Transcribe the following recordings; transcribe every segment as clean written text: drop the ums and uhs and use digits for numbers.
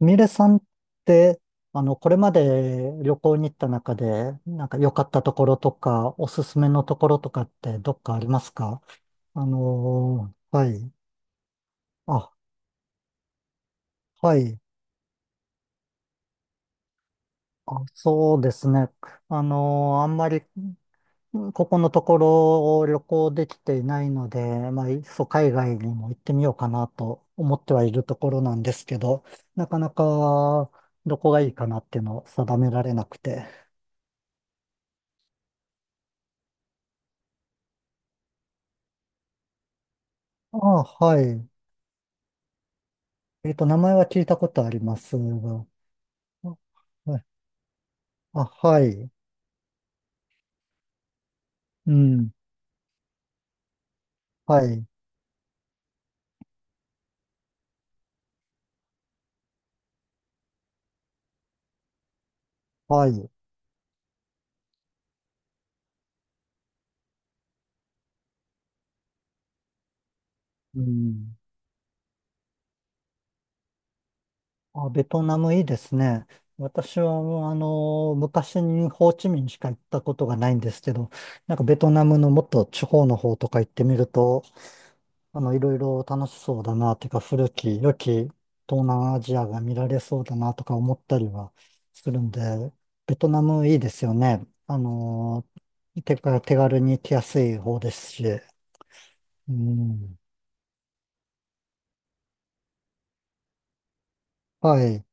ミレさんって、これまで旅行に行った中で、なんか良かったところとか、おすすめのところとかってどっかありますか？はい。あ、はい。あ、そうですね。あんまり、ここのところを旅行できていないので、まあ、いっそ海外にも行ってみようかなと思ってはいるところなんですけど、なかなかどこがいいかなっていうのを定められなくて。あ、はい。名前は聞いたことありますが。あ、はい。あはい。うん。はい。はい。うん。あ、ベトナムいいですね。私は、もう昔にホーチミンしか行ったことがないんですけど、なんかベトナムのもっと地方の方とか行ってみると、いろいろ楽しそうだな、てか古き良き東南アジアが見られそうだなとか思ったりはするんで、ベトナムいいですよね。てか手軽に行きやすい方ですし。うん。はい。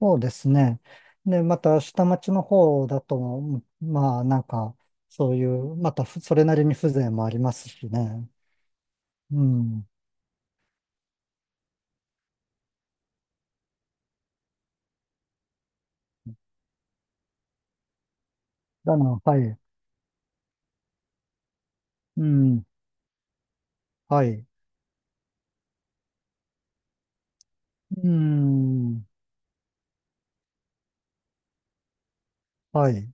そうですね。で、また下町の方だと、うんまあなんか、そういう、またそれなりに風情もありますしね。うん。だな、はい。うん。はい。うん。はい。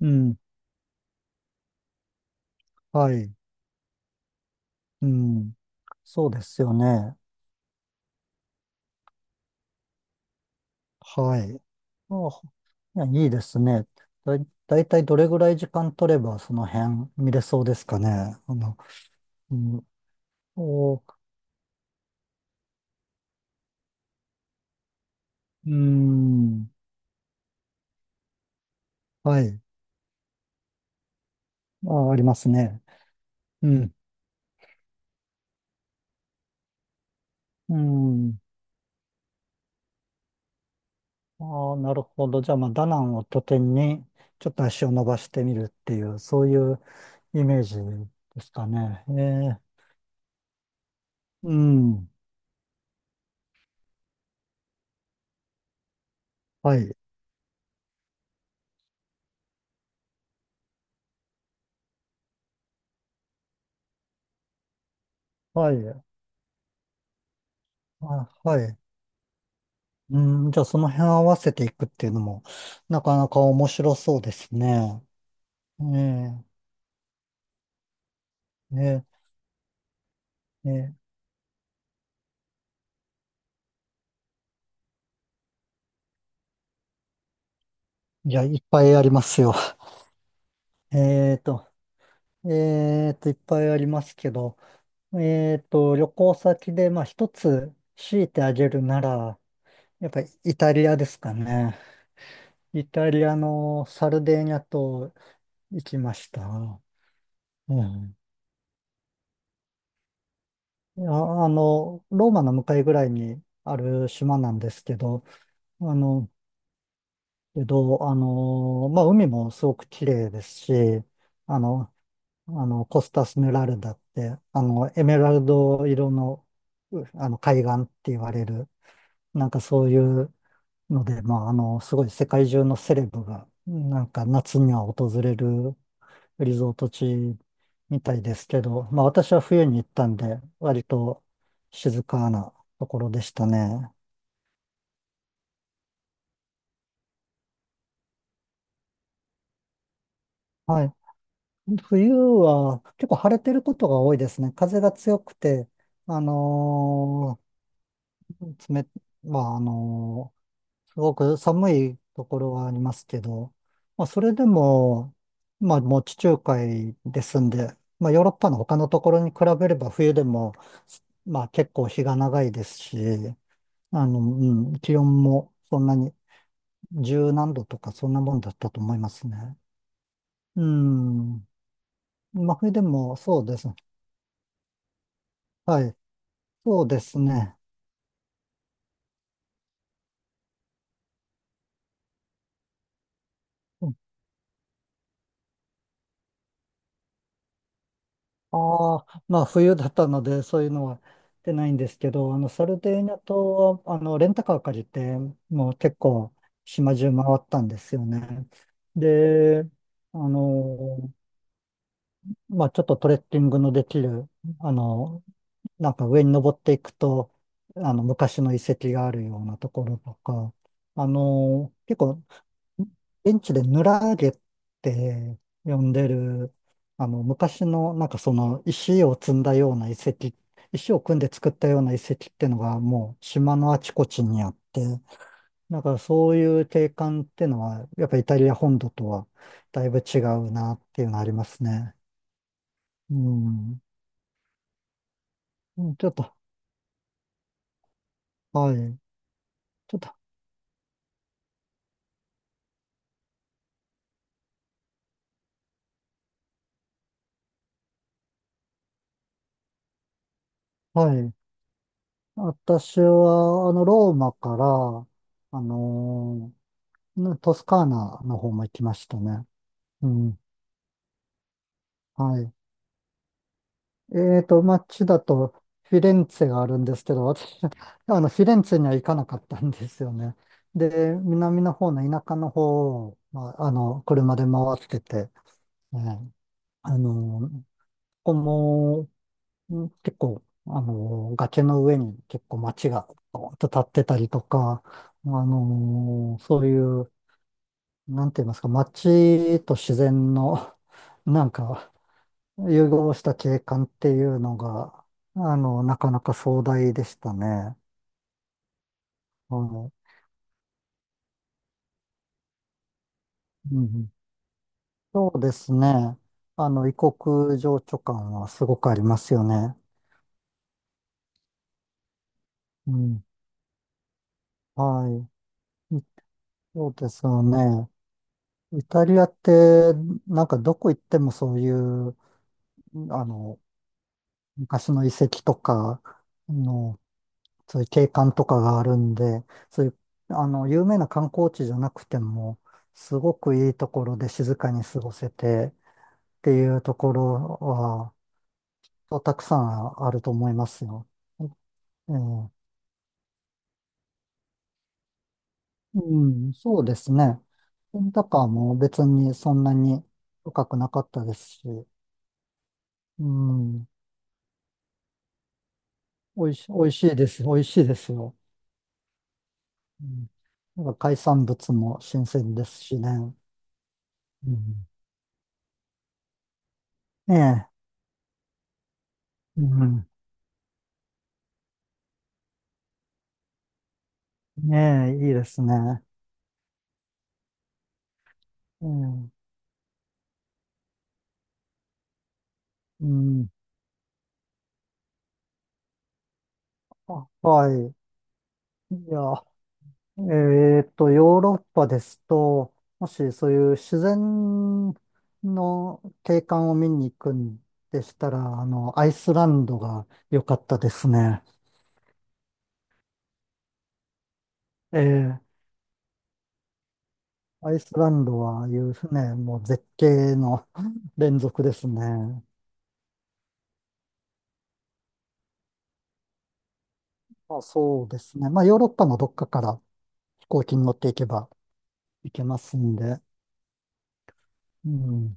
うん。はい。うん。そうですよね。はい。あ、いや、いいですね。だいたいどれぐらい時間取ればその辺見れそうですかね。あの、うん、お、うーん、はい。あ、ありますね。うん、うん。ああ、なるほど。じゃあ、まあ、ダナンを拠点に、ちょっと足を伸ばしてみるっていう、そういうイメージですかね。ええ、うん、はい、はい、あ、はい。うん、じゃあその辺合わせていくっていうのも、なかなか面白そうですね。ええ、ええ、ええじゃあいっぱいありますよ。えっと、いっぱいありますけど、旅行先で、まあ一つ強いてあげるなら、やっぱりイタリアですかね。イタリアのサルデーニャ島行きました。うん。いやローマの向かいぐらいにある島なんですけど、あの、まあ、海もすごく綺麗ですし、あの、コスタスメラルダって、エメラルド色の、海岸って言われる、なんかそういうので、まあ、すごい世界中のセレブが、なんか夏には訪れるリゾート地みたいですけど、まあ、私は冬に行ったんで、割と静かなところでしたね。はい。冬は結構晴れてることが多いですね。風が強くて、あのー、冷、まあ、すごく寒いところはありますけど、まあ、それでも、まあ、もう地中海ですんで、まあ、ヨーロッパの他のところに比べれば冬でも、まあ、結構日が長いですし、うん、気温もそんなに十何度とかそんなもんだったと思いますね。うん。まあ、冬でもそうですね。はい。そうですね。ああまあ冬だったので、そういうのは出ないんですけど、サルデーニャ島は、レンタカー借りて、もう結構島中回ったんですよね。で、あの、まあちょっとトレッキングのできる、あの、なんか上に登っていくと、昔の遺跡があるようなところとか、結構現地でヌラーゲって呼んでる、昔の、なんかその、石を積んだような遺跡、石を組んで作ったような遺跡ってのが、もう島のあちこちにあって、だからそういう景観ってのは、やっぱイタリア本土とはだいぶ違うなっていうのありますね。うん。うんちょっと、はい。ちょっと、はい。私は、ローマから、あのトスカーナの方も行きましたね。うん、はい。えーと、街だとフィレンツェがあるんですけど、私、フィレンツェには行かなかったんですよね。で、南の方の田舎の方を、まあ、車で回ってて、ね、あの、ここも、結構、崖の上に結構街がドーンと立ってたりとか、そういう、なんて言いますか、街と自然の、なんか、融合した景観っていうのが、なかなか壮大でしたね。はい。うん。そうですね。異国情緒感はすごくありますよね。うん。はい。そうですよね。イタリアって、なんかどこ行ってもそういう、あの、昔の遺跡とか、あのそういう景観とかがあるんで、そういう、有名な観光地じゃなくても、すごくいいところで静かに過ごせてっていうところは、そうたくさんあると思いますよ。ええうん、そうですね。レンタカーも別にそんなに深くなかったですし、うん、美味しいです。美味しいですよ。うん、なんか海産物も新鮮ですしね。うん、ねえ、うんねえ、いいですね。うん。うん。あ、はい。いや、えーっと、ヨーロッパですと、もしそういう自然の景観を見に行くんでしたら、アイスランドが良かったですね。ええ、アイスランドはいうね、もう絶景の 連続ですね。あ、そうですね。まあ、ヨーロッパのどっかから飛行機に乗っていけば行けますんで、うん。ね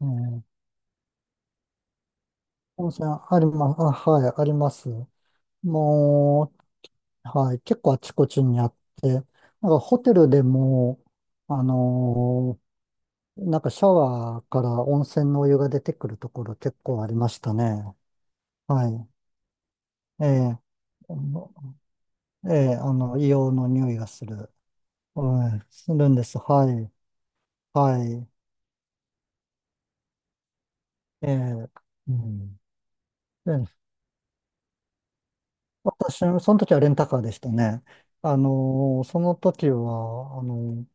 えー温泉あります。あ、はい、あります。もう、はい、結構あちこちにあって、なんかホテルでも、あのーなんかシャワーから温泉のお湯が出てくるところ結構ありましたね。はい。ええ、あのええ、硫黄の匂いがする。はい、するんです。はい。はい。ええ、うん。で、私、その時はレンタカーでしたね。その時は、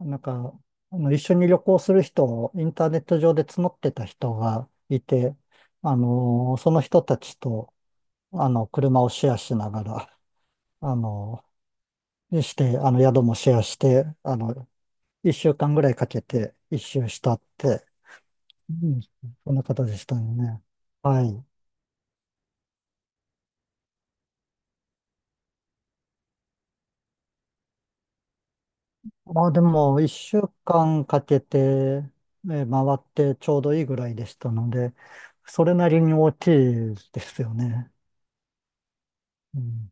なんか、一緒に旅行する人をインターネット上で募ってた人がいて、その人たちと、車をシェアしながら、あのして、あの、宿もシェアして、一週間ぐらいかけて1周したって、うん、そんな形でしたよね。はい。まあでも、一週間かけて、えー回ってちょうどいいぐらいでしたので、それなりに大きいですよね。うん